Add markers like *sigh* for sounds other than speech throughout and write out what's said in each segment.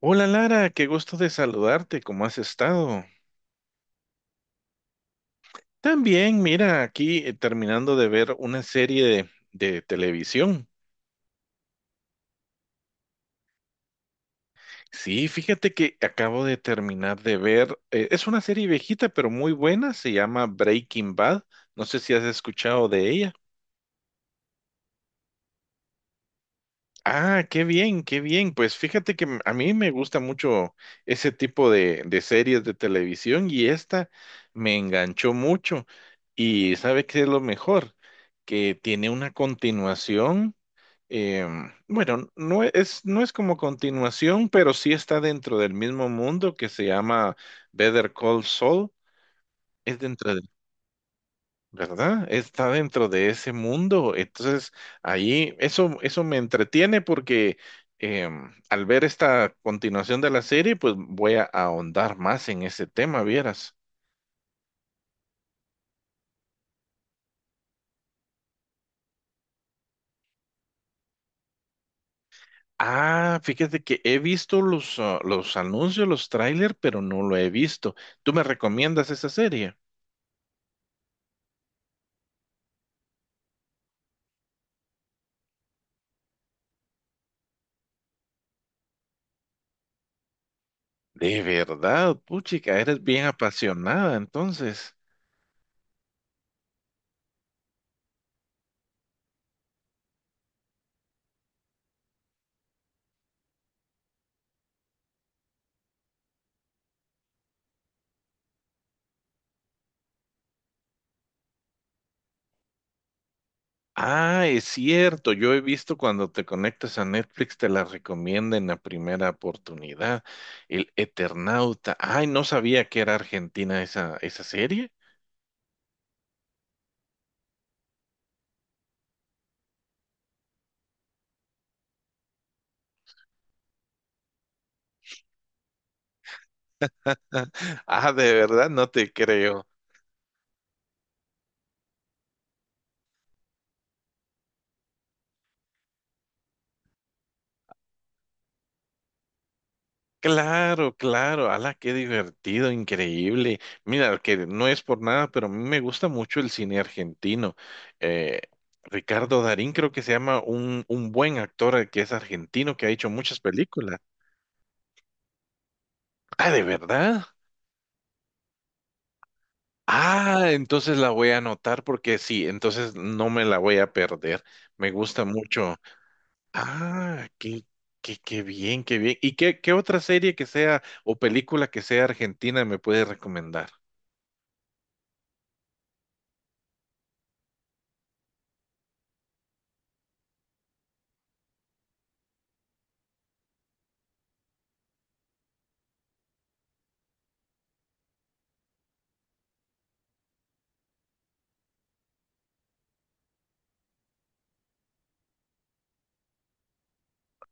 Hola Lara, qué gusto de saludarte, ¿cómo has estado? También, mira, aquí terminando de ver una serie de televisión. Sí, fíjate que acabo de terminar de ver, es una serie viejita pero muy buena, se llama Breaking Bad, no sé si has escuchado de ella. Ah, qué bien, qué bien. Pues fíjate que a mí me gusta mucho ese tipo de series de televisión y esta me enganchó mucho. Y ¿sabe qué es lo mejor? Que tiene una continuación. Bueno, no es como continuación, pero sí está dentro del mismo mundo que se llama Better Call Saul. Es dentro del ¿verdad? Está dentro de ese mundo. Entonces, ahí eso me entretiene porque al ver esta continuación de la serie, pues voy a ahondar más en ese tema, vieras. Ah, fíjate que he visto los anuncios, los trailers, pero no lo he visto. ¿Tú me recomiendas esa serie? De verdad, puchica, eres bien apasionada, entonces. Ah, es cierto, yo he visto cuando te conectas a Netflix te la recomienda en la primera oportunidad, El Eternauta. Ay, no sabía que era argentina esa serie. *laughs* Ah, de verdad, no te creo. Claro, claro, ala, qué divertido, increíble. Mira, que no es por nada, pero a mí me gusta mucho el cine argentino. Eh, Ricardo Darín creo que se llama un buen actor que es argentino, que ha hecho muchas películas. Ah, de verdad. Ah, entonces la voy a anotar porque sí, entonces no me la voy a perder. Me gusta mucho. Ah, qué bien, qué bien. ¿Y qué otra serie que sea o película que sea argentina me puede recomendar?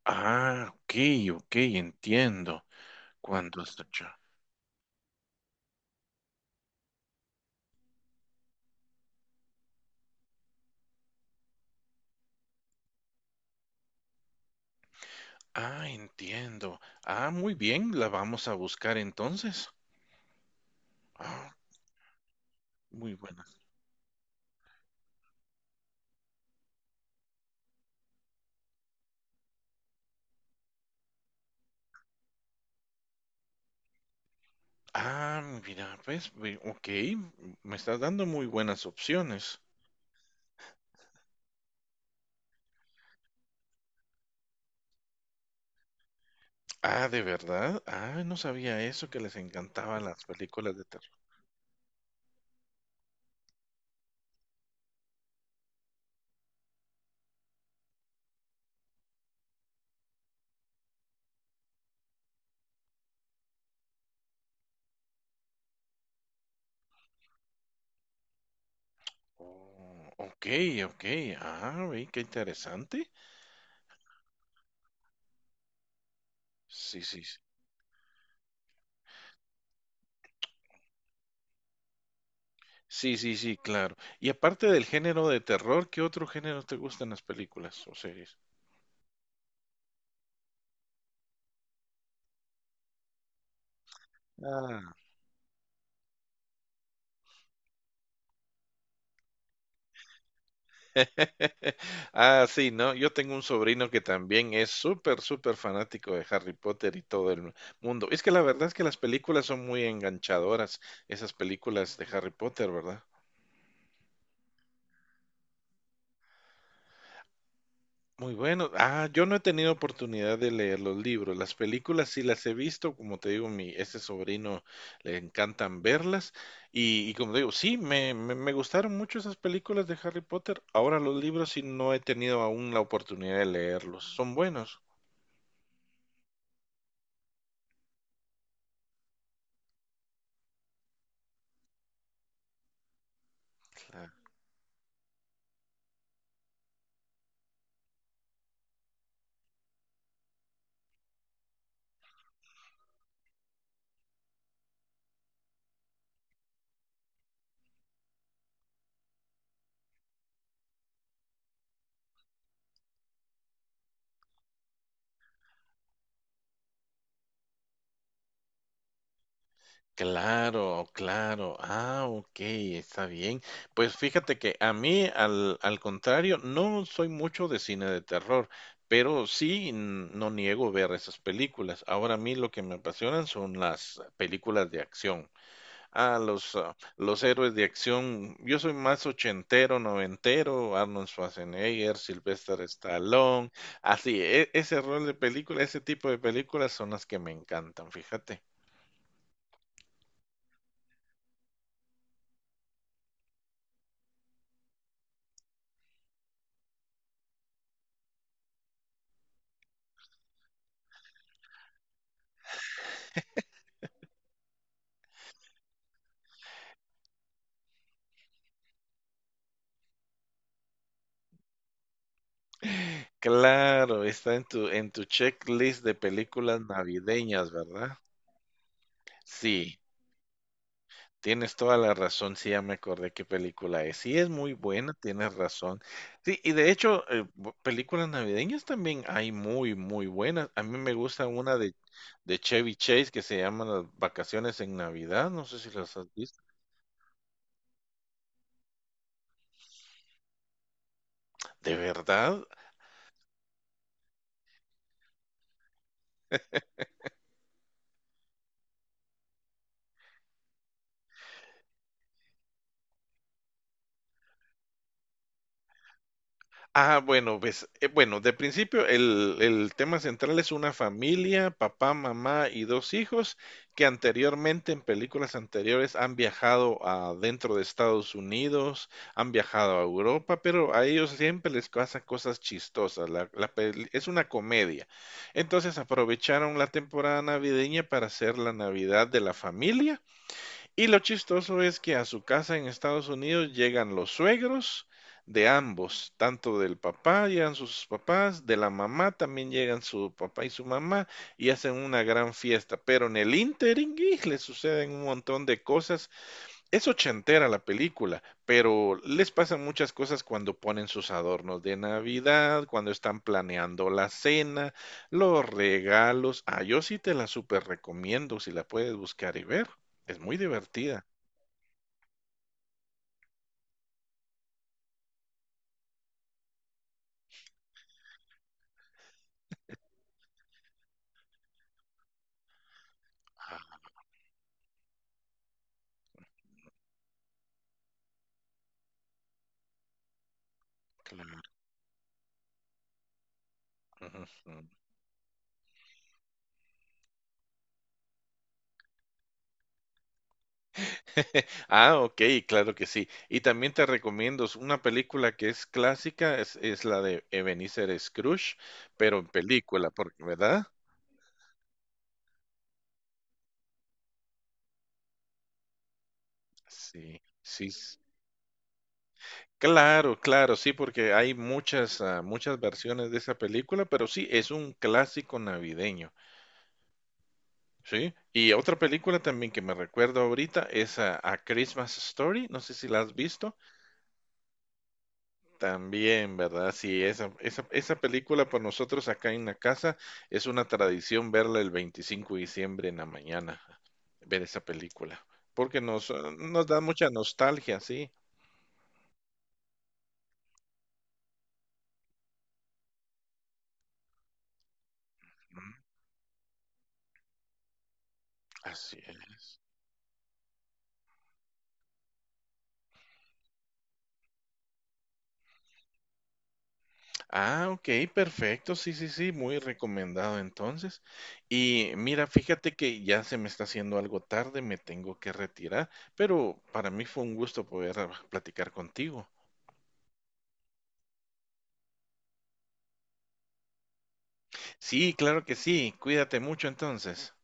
Ah, ok, ok, entiendo. Cuando está hecho. Ah, entiendo. Ah, muy bien, la vamos a buscar entonces. Ah, muy buena. Ah, mira, pues, ok, me estás dando muy buenas opciones. Ah, ¿de verdad? Ah, no sabía eso, que les encantaban las películas de terror. Oh, ok, ok. Ah, ve, qué interesante. Sí, sí, sí. Sí, sí, sí, claro. Y aparte del género de terror, ¿qué otro género te gustan las películas o series? Ah. *laughs* Ah, sí, ¿no? Yo tengo un sobrino que también es súper, súper fanático de Harry Potter y todo el mundo. Es que la verdad es que las películas son muy enganchadoras, esas películas de Harry Potter, ¿verdad? Muy bueno. Ah, yo no he tenido oportunidad de leer los libros. Las películas sí las he visto, como te digo, mi ese sobrino le encantan verlas. Y como te digo, sí, me gustaron mucho esas películas de Harry Potter. Ahora los libros sí no he tenido aún la oportunidad de leerlos. Son buenos. Claro, claro. Ah, ok, está bien. Pues fíjate que a mí, al contrario, no soy mucho de cine de terror, pero sí no niego ver esas películas. Ahora a mí lo que me apasionan son las películas de acción. Los héroes de acción. Yo soy más ochentero, noventero, Arnold Schwarzenegger, Sylvester Stallone. Así, ese rol de película, ese tipo de películas son las que me encantan, fíjate. Claro, está en tu checklist de películas navideñas, ¿verdad? Sí, tienes toda la razón, sí, ya me acordé qué película es. Sí, es muy buena, tienes razón. Sí, y de hecho, películas navideñas también hay muy, muy buenas. A mí me gusta una de Chevy Chase que se llama Las Vacaciones en Navidad, no sé si las has visto. ¿De verdad? Ah, bueno, pues, bueno, de principio el tema central es una familia, papá, mamá y dos hijos que anteriormente en películas anteriores han viajado a dentro de Estados Unidos, han viajado a Europa, pero a ellos siempre les pasan cosas chistosas. Es una comedia. Entonces aprovecharon la temporada navideña para hacer la Navidad de la familia y lo chistoso es que a su casa en Estados Unidos llegan los suegros de ambos, tanto del papá, llegan sus papás, de la mamá también llegan su papá y su mamá y hacen una gran fiesta, pero en el ínterin y le suceden un montón de cosas, es ochentera la película, pero les pasan muchas cosas cuando ponen sus adornos de Navidad, cuando están planeando la cena, los regalos. Ah, yo sí te la super recomiendo si la puedes buscar y ver. Es muy divertida. Ah, claro. Ujú. Ah, ok, claro que sí. Y también te recomiendo, es una película que es clásica, es la de Ebenezer Scrooge, pero en película, porque, ¿verdad? Sí, sí, claro, claro, sí, porque hay muchas, muchas versiones de esa película, pero sí, es un clásico navideño, ¿sí? Y otra película también que me recuerdo ahorita es A Christmas Story, no sé si la has visto, también, ¿verdad? Sí, esa película para nosotros acá en la casa es una tradición verla el 25 de diciembre en la mañana, ver esa película, porque nos, nos da mucha nostalgia, sí, así es. Ah, ok, perfecto, sí, sí, sí, muy recomendado entonces. Y mira, fíjate que ya se me está haciendo algo tarde, me tengo que retirar, pero para mí fue un gusto poder platicar contigo. Sí, claro que sí, cuídate mucho entonces.